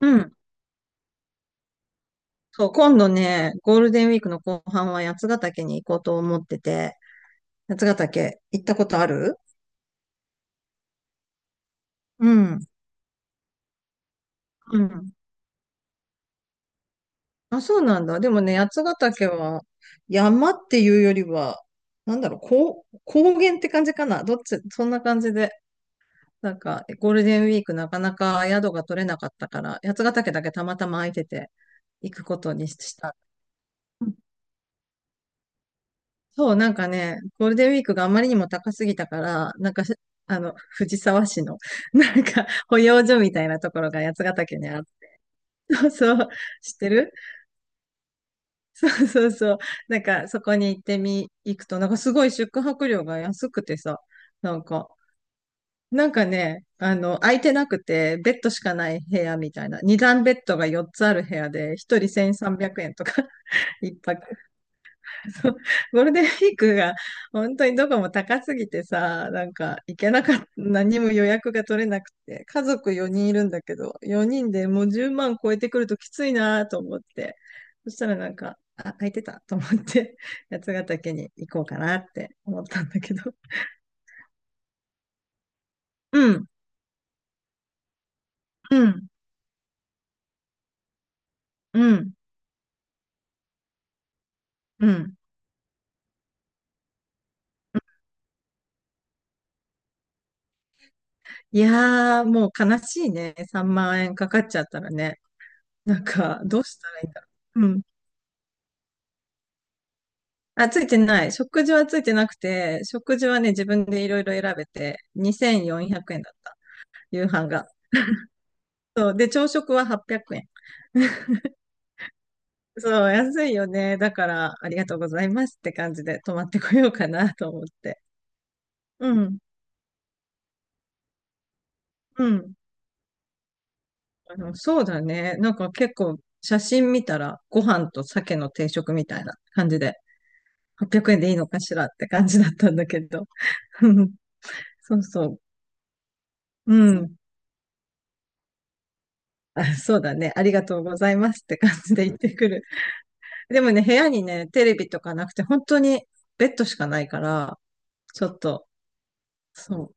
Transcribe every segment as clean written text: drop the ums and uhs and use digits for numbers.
うん。そう、今度ね、ゴールデンウィークの後半は八ヶ岳に行こうと思ってて、八ヶ岳行ったことある？うん。うん。あ、そうなんだ。でもね、八ヶ岳は山っていうよりは、なんだろう、高原って感じかな。どっち、そんな感じで。なんか、ゴールデンウィークなかなか宿が取れなかったから、八ヶ岳だけたまたま空いてて行くことにした。そう、なんかね、ゴールデンウィークがあまりにも高すぎたから、なんかあの、藤沢市の、なんか、保養所みたいなところが八ヶ岳にある。そうそう、知ってる？ そうそう。なんか、そこに行ってみ、行くと、なんかすごい宿泊料が安くてさ、なんか、なんかね、あの、空いてなくて、ベッドしかない部屋みたいな、二段ベッドが4つある部屋で、一人1300円とか、一泊。そう、ゴールデンウィークが本当にどこも高すぎてさ、なんか行けなかった、何も予約が取れなくて、家族4人いるんだけど、4人でもう10万超えてくるときついなと思って、そしたらなんか、あ、空いてたと思って、八ヶ岳に行こうかなって思ったんだけど。うん、うん、うん、うん。いやー、もう悲しいね。3万円かかっちゃったらね。なんか、どうしたらいいんだろう。うん。あ、ついてない。食事はついてなくて、食事はね、自分でいろいろ選べて、2400円だった。夕飯が。そう。で、朝食は800円。そう、安いよね。だから、ありがとうございますって感じで、泊まってこようかなと思って。うん、うん。あの、そうだね。なんか結構、写真見たら、ご飯と鮭の定食みたいな感じで、800円でいいのかしらって感じだったんだけど。うんそうそう。うん。あ、そうだね。ありがとうございますって感じで言ってくる。でもね、部屋にね、テレビとかなくて、本当にベッドしかないから、ちょっと、そう。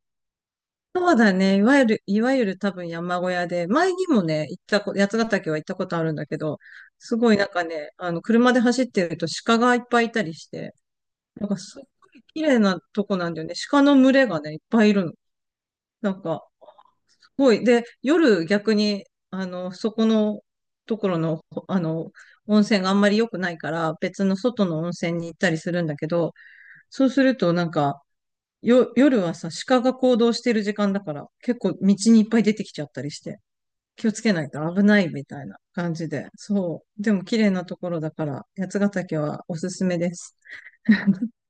そうだね。いわゆる多分山小屋で、前にもね、行ったこ、八ヶ岳は行ったことあるんだけど、すごいなんかね、あの、車で走ってると鹿がいっぱいいたりして、なんかすっごい綺麗なとこなんだよね。鹿の群れがね、いっぱいいるの。なんか、すごい。で、夜逆に、あの、そこのところの、あの、温泉があんまり良くないから、別の外の温泉に行ったりするんだけど、そうすると、なんか、夜はさ、鹿が行動してる時間だから、結構道にいっぱい出てきちゃったりして、気をつけないと危ないみたいな感じで。そう。でも綺麗なところだから、八ヶ岳はおすすめです。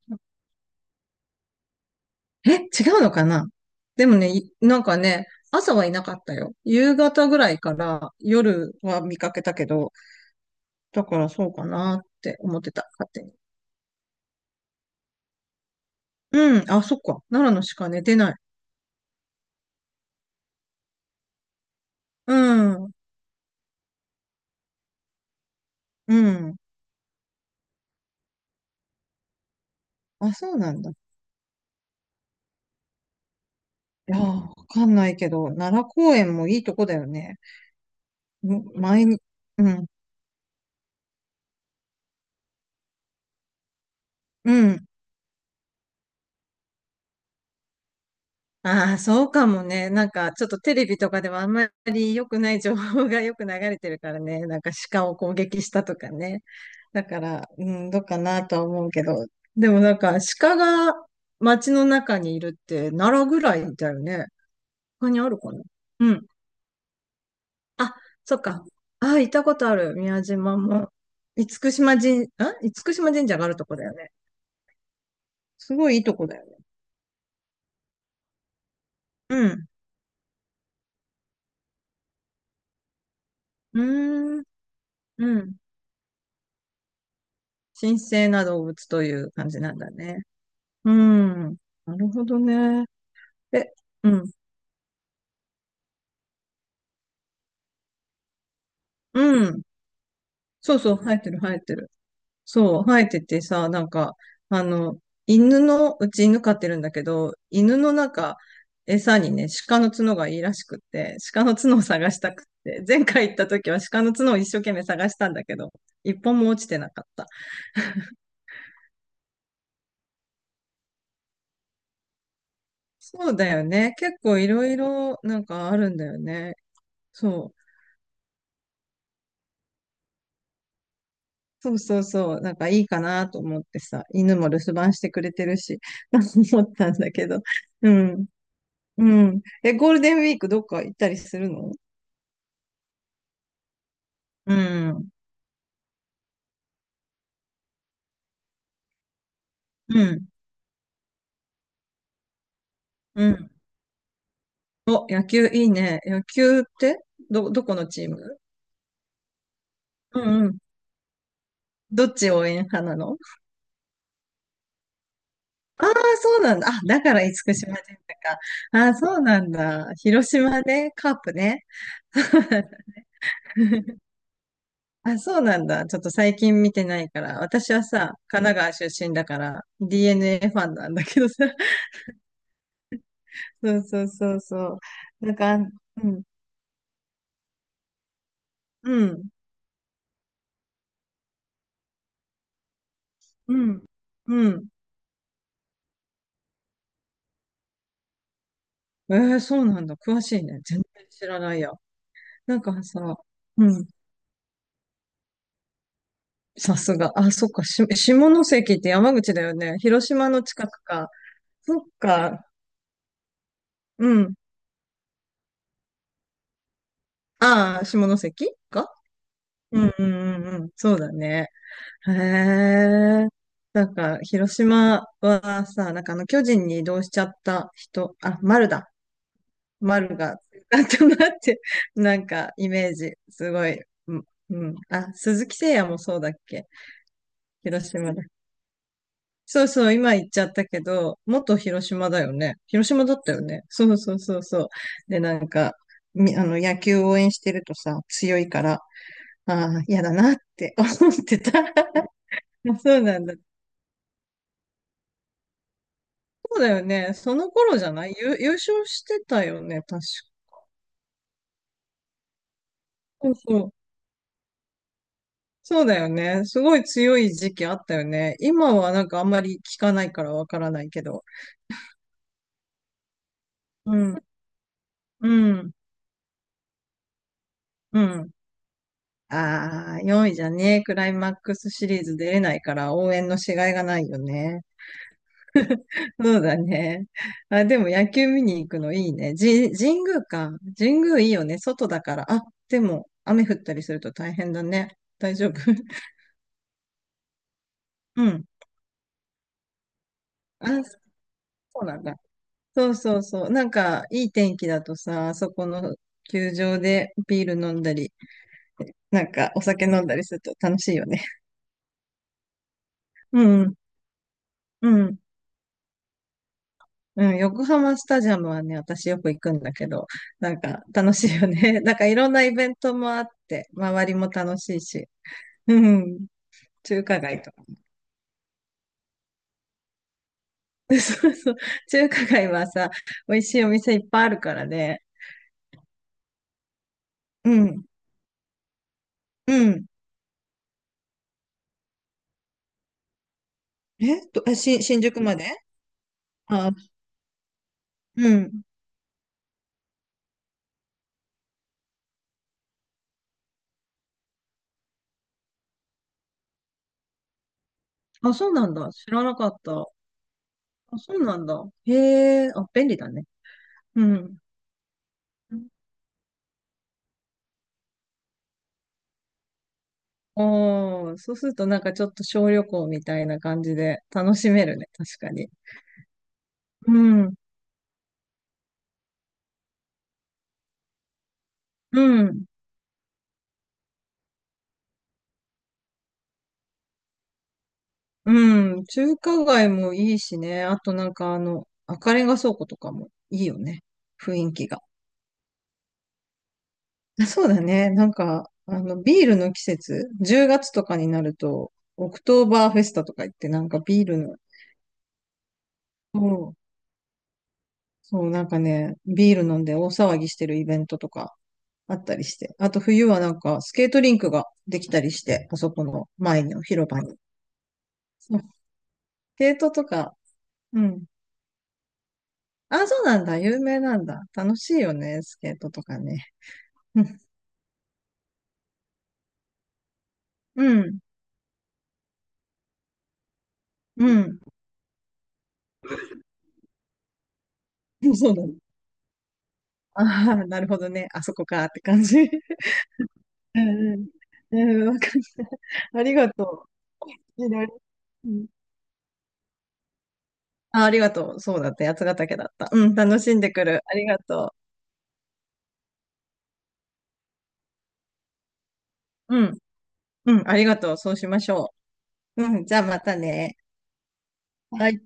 え、違うのかな？でもね、なんかね、朝はいなかったよ。夕方ぐらいから夜は見かけたけど、だからそうかなって思ってた、勝手に。うん、あ、そっか。奈良の鹿ね、出ない。うん、うん。あ、そうなんだ。いやー、わかんないけど、奈良公園もいいとこだよね。む前に、うん、うん。ああ、そうかもね。なんか、ちょっとテレビとかではあんまり良くない情報がよく流れてるからね。なんか鹿を攻撃したとかね。だから、うん、どうかなとは思うけど。でもなんか、鹿が街の中にいるって奈良ぐらいだよね。他にあるかな？うん。あ、そっか。ああ、行ったことある。宮島も。厳島神社があるとこだよね。すごいいいとこだよね。うん。うーん。うん。神聖な動物という感じなんだね。うん。なるほどね。え、うん。うん。そうそう、生えてる、生えてる。そう、生えててさ、なんか、あの、犬の、うち犬飼ってるんだけど、犬の中、餌にね、鹿の角がいいらしくって、鹿の角を探したくって、前回行った時は鹿の角を一生懸命探したんだけど、一本も落ちてなかった。そうだよね。結構いろいろなんかあるんだよね。そう。そうそうそう。なんかいいかなと思ってさ、犬も留守番してくれてるし、思ったんだけど。うん。うん。え、ゴールデンウィークどっか行ったりするの？うん。うん。うん。お、野球いいね。野球ってどこのチーム？うんうん。どっち応援派なの？ああー、そうなんだ。あ、だから厳島神社か。ああ、そうなんだ。広島ね。カープね。あ、そうなんだ。ちょっと最近見てないから。私はさ、神奈川出身だから、DNA ファンなんだけどさ。そうそうそうそう。なんか、うん、うん、うん、うん。えー、そうなんだ。詳しいね。全然知らないや。なんかさ、うん、さすが。あ、そっか。下関って山口だよね。広島の近くか。そっか。うん。ああ、下関か。うんうんうんうん。そうだね。へえ。なんか、広島はさ、なんかあの、巨人に移動しちゃった人、あ、丸だ。丸が、なんとなって、なんか、イメージ、すごい。うん。うんあ、鈴木誠也もそうだっけ？広島だ。そうそう、今言っちゃったけど、元広島だよね。広島だったよね。そうそうそうそう。で、なんか、み、あの、野球応援してるとさ、強いから、ああ、嫌だなって思ってた。そうなんだ。そうだよね。その頃じゃない優勝してたよね、確か。そうそう。そうだよね。すごい強い時期あったよね。今はなんかあんまり聞かないからわからないけど。うん、うん、うん。ああ、4位じゃねクライマックスシリーズ出れないから応援のしがいがないよね。そうだね。あ、でも野球見に行くのいいね。神宮か。神宮いいよね。外だから。あ、でも雨降ったりすると大変だね。大丈夫？ うん。あ、そうなんだ。そうそうそう。なんか、いい天気だとさ、あそこの球場でビール飲んだり、なんかお酒飲んだりすると楽しいよね。うん、うん、うん。横浜スタジアムはね、私よく行くんだけど、なんか楽しいよね。なんかいろんなイベントもあって、周りも楽しいし。うん。中華街とか。そうそう。中華街はさ、美味しいお店いっぱいあるからね。うん、うん。えっと、新宿まであ、うん。あ、そうなんだ。知らなかった。あ、そうなんだ。へえ、あ、便利だね。うん。おー、そうするとなんかちょっと小旅行みたいな感じで楽しめるね、確かに。うん、うん、うん。中華街もいいしね。あとなんかあの、赤レンガ倉庫とかもいいよね。雰囲気が。あそうだね。なんか、あの、ビールの季節、10月とかになると、オクトーバーフェスタとか言って、なんかビールの、もう、そう、なんかね、ビール飲んで大騒ぎしてるイベントとかあったりして。あと冬はなんかスケートリンクができたりして、あそこの前の広場に。そうスケートとか、うん。あ、そうなんだ。有名なんだ。楽しいよね、スケートとかね。うんうん。うん。そうだね。ああ、なるほどね。あそこかって感じ。うんうん。うん、わかった。ありがとう。いいね。うん。あ、ありがとう。そうだった。八ヶ岳だった。うん、楽しんでくる。ありがとう。うん、うん、ありがとう。そうしましょう。うん、じゃあまたね。はい。